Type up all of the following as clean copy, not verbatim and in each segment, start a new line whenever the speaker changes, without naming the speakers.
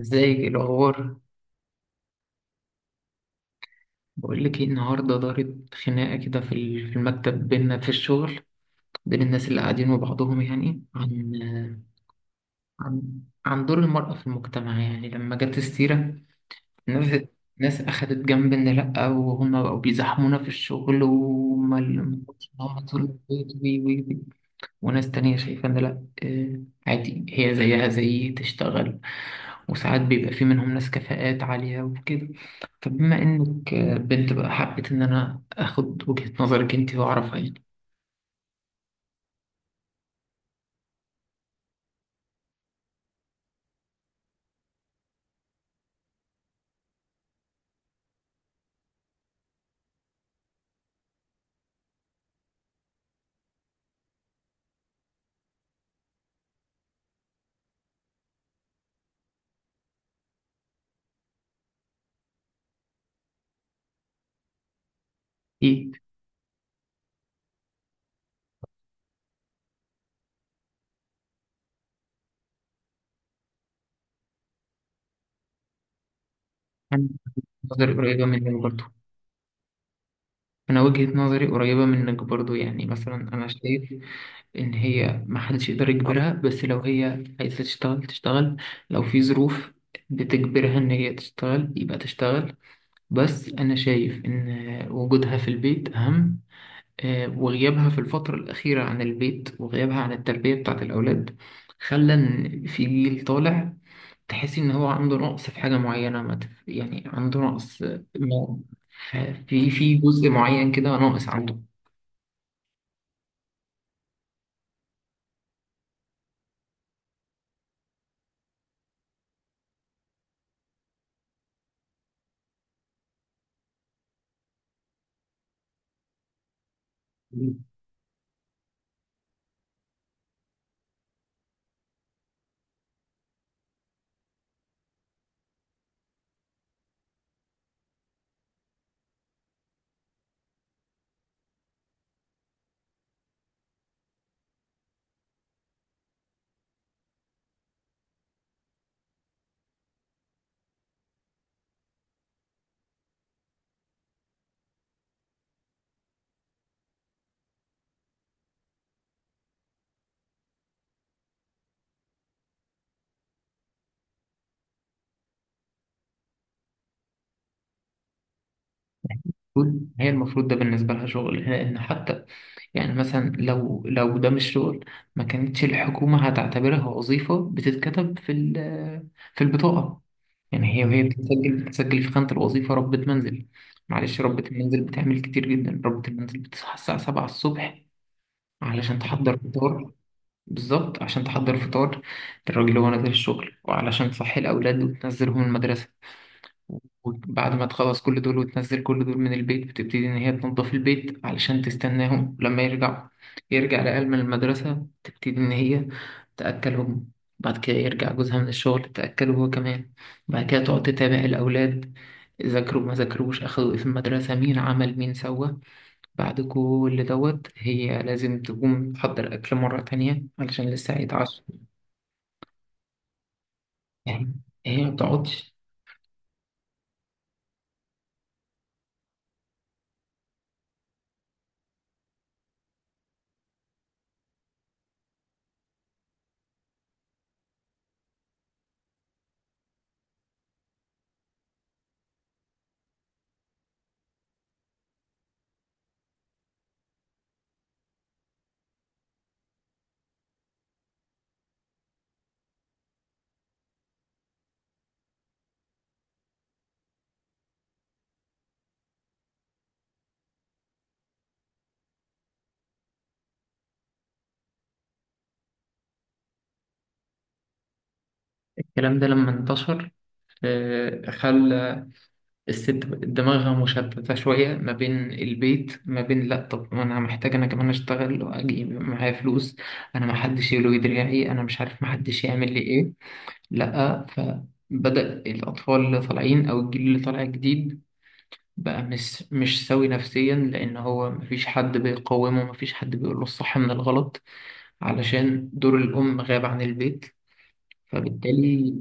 ازاي الاخبار؟ بقول لك ايه، النهارده دارت خناقه كده في المكتب بينا في الشغل، بين الناس اللي قاعدين وبعضهم يعني عن عن دور المرأة في المجتمع. يعني لما جت السيرة، الناس الناس أخدت جنب إن لأ، وهم بقوا بيزاحمونا في الشغل، وهم اللي هم طول البيت وي وي وي. وناس تانية شايفة إن لأ، عادي، هي زيها زي تشتغل، وساعات بيبقى في منهم ناس كفاءات عالية وكده. فبما إنك بنت بقى، حبيت إن أنا آخد وجهة نظرك أنت وأعرفها يعني. أكيد. أنا نظري قريبة منك برضو. أنا وجهة نظري قريبة منك برضو، يعني مثلا أنا شايف إن هي محدش يقدر يجبرها، بس لو هي عايزة تشتغل تشتغل، لو في ظروف بتجبرها إن هي تشتغل يبقى تشتغل، بس أنا شايف إن وجودها في البيت أهم. وغيابها في الفترة الأخيرة عن البيت، وغيابها عن التربية بتاعة الأولاد، خلى إن في جيل طالع تحسي إن هو عنده نقص في حاجة معينة، ما تف- يعني عنده نقص، ف- في في جزء معين كده ناقص عنده. هي المفروض ده بالنسبة لها شغل، لأن حتى يعني مثلا لو ده مش شغل، ما كانتش الحكومة هتعتبرها وظيفة بتتكتب في البطاقة. يعني هي وهي بتتسجل في خانة الوظيفة ربة منزل. معلش، ربة المنزل بتعمل كتير جدا. ربة المنزل بتصحى الساعة 7 الصبح علشان تحضر فطار. بالظبط، عشان تحضر فطار للراجل وهو نازل الشغل، وعلشان تصحي الأولاد وتنزلهم المدرسة. وبعد ما تخلص كل دول وتنزل كل دول من البيت، بتبتدي إن هي تنظف البيت علشان تستناهم لما يرجعوا. يرجع العيال من المدرسة، تبتدي إن هي تأكلهم. بعد كده يرجع جوزها من الشغل، تأكله هو كمان. بعد كده تقعد تتابع الأولاد، ذاكروا ما ذاكروش، أخدوا إيه في المدرسة، مين عمل مين سوى. بعد كل دوت هي لازم تقوم تحضر أكل مرة تانية علشان لسه هيتعشوا. يعني هي ما بتقعدش. الكلام ده لما انتشر، خلى الست دماغها مشتتة شوية، ما بين البيت، ما بين لأ طب ما أنا محتاج أنا كمان أشتغل وأجيب معايا فلوس، أنا محدش يلوي دراعي، أنا مش عارف محدش يعمل لي إيه. لأ، فبدأ الأطفال اللي طالعين أو الجيل اللي طالع جديد بقى مش سوي نفسيا، لأن هو مفيش حد بيقومه، مفيش حد بيقول له الصح من الغلط، علشان دور الأم غاب عن البيت. فبالتالي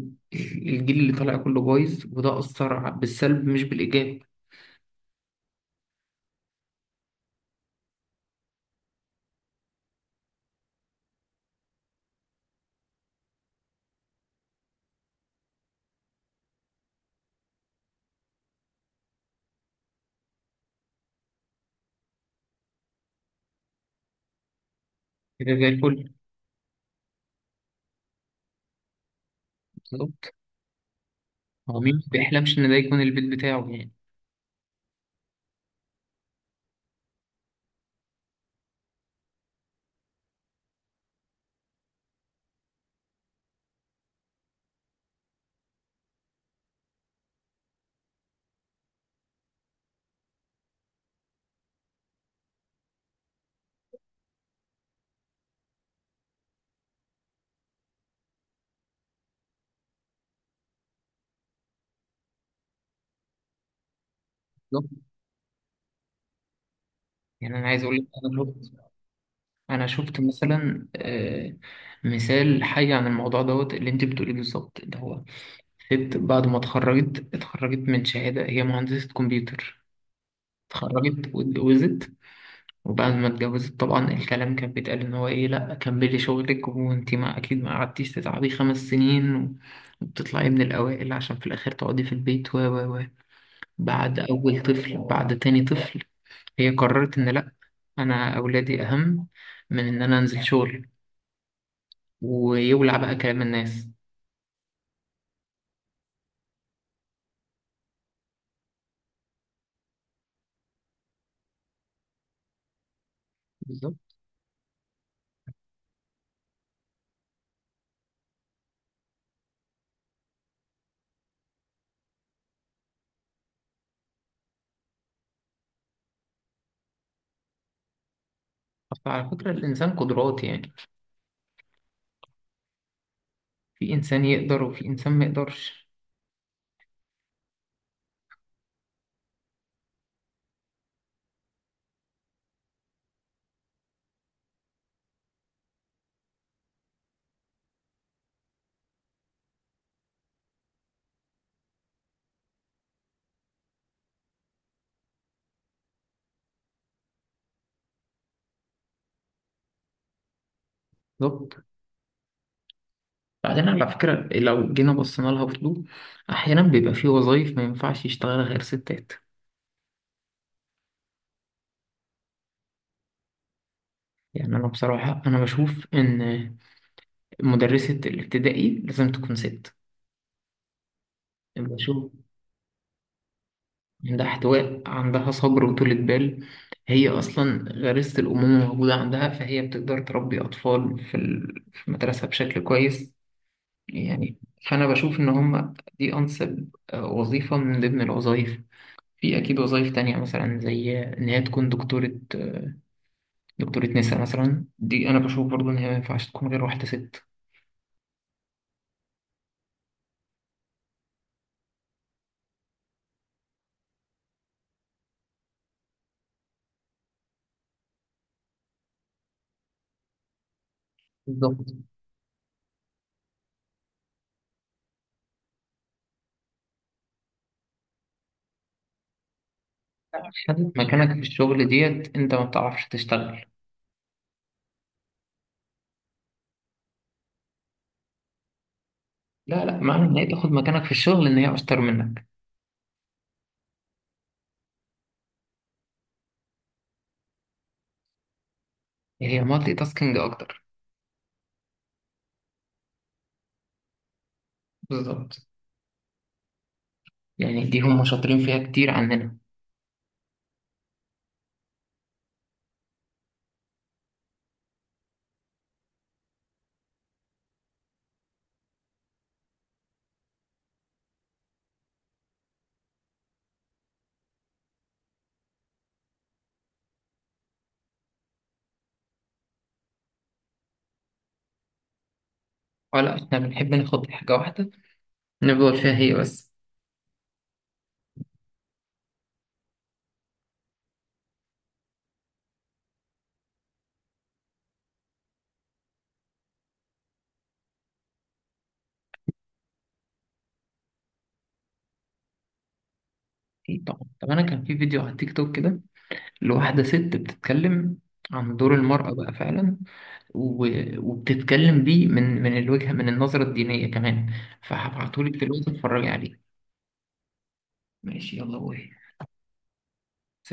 الجيل اللي طالع كله بايظ، وده أثر بالسلب مش بالإيجاب. كده زي الفل. بالظبط، هو ومين مش ما بيحلمش ان ده يكون البيت بتاعه يعني. بالظبط. يعني انا عايز اقول لك، انا شفت، انا شفت مثلا مثال حي عن الموضوع دوت اللي انت بتقوليه بالظبط، اللي هو ست بعد ما اتخرجت، اتخرجت من شهاده، هي مهندسه كمبيوتر. اتخرجت واتجوزت، وبعد ما اتجوزت طبعا الكلام كان بيتقال ان هو ايه، لا كملي شغلك، وانت ما اكيد ما قعدتيش تتعبي 5 سنين وبتطلعي من الاوائل عشان في الاخر تقعدي في البيت. و بعد اول طفل، بعد تاني طفل، هي قررت إن لأ، أنا أولادي أهم من إن أنا أنزل شغل، ويولع بقى كلام الناس. بالظبط. أصل على فكرة الإنسان قدرات يعني، في إنسان يقدر وفي إنسان ما يقدرش. بالظبط. بعدين على فكرة لو جينا بصينا لها برضه، أحيانا بيبقى في وظايف ما ينفعش يشتغلها غير ستات. يعني أنا بصراحة أنا بشوف إن مدرسة الابتدائي لازم تكون ست. بشوف عندها احتواء، عندها صبر وطولة بال، هي أصلا غريزة الأمومة موجودة عندها، فهي بتقدر تربي أطفال في المدرسة بشكل كويس يعني. فأنا بشوف إن هما دي أنسب وظيفة من ضمن الوظائف. في أكيد وظائف تانية، مثلا زي إن هي تكون دكتورة، دكتورة نساء مثلا، دي أنا بشوف برضو إن هي ما ينفعش تكون غير واحدة ست. بالظبط. خدت مكانك في الشغل ديت أنت ما بتعرفش تشتغل. لا، لا معنى إن هي تاخد مكانك في الشغل إن هي أشطر منك. هي مالتي تاسكينج أكتر. بالظبط. يعني دي هم شاطرين فيها كتير عننا، ولا إحنا بنحب ناخد حاجة واحدة نفضل فيها هي بس. أكيد طبعا. طب أنا كان في فيديو على تيك توك كده، لواحدة ست بتتكلم عن دور المرأة بقى فعلا، وبتتكلم بيه من الوجهة، من النظرة الدينية كمان، فهبعتهولك دلوقتي اتفرجي عليه. ماشي، يلا وي،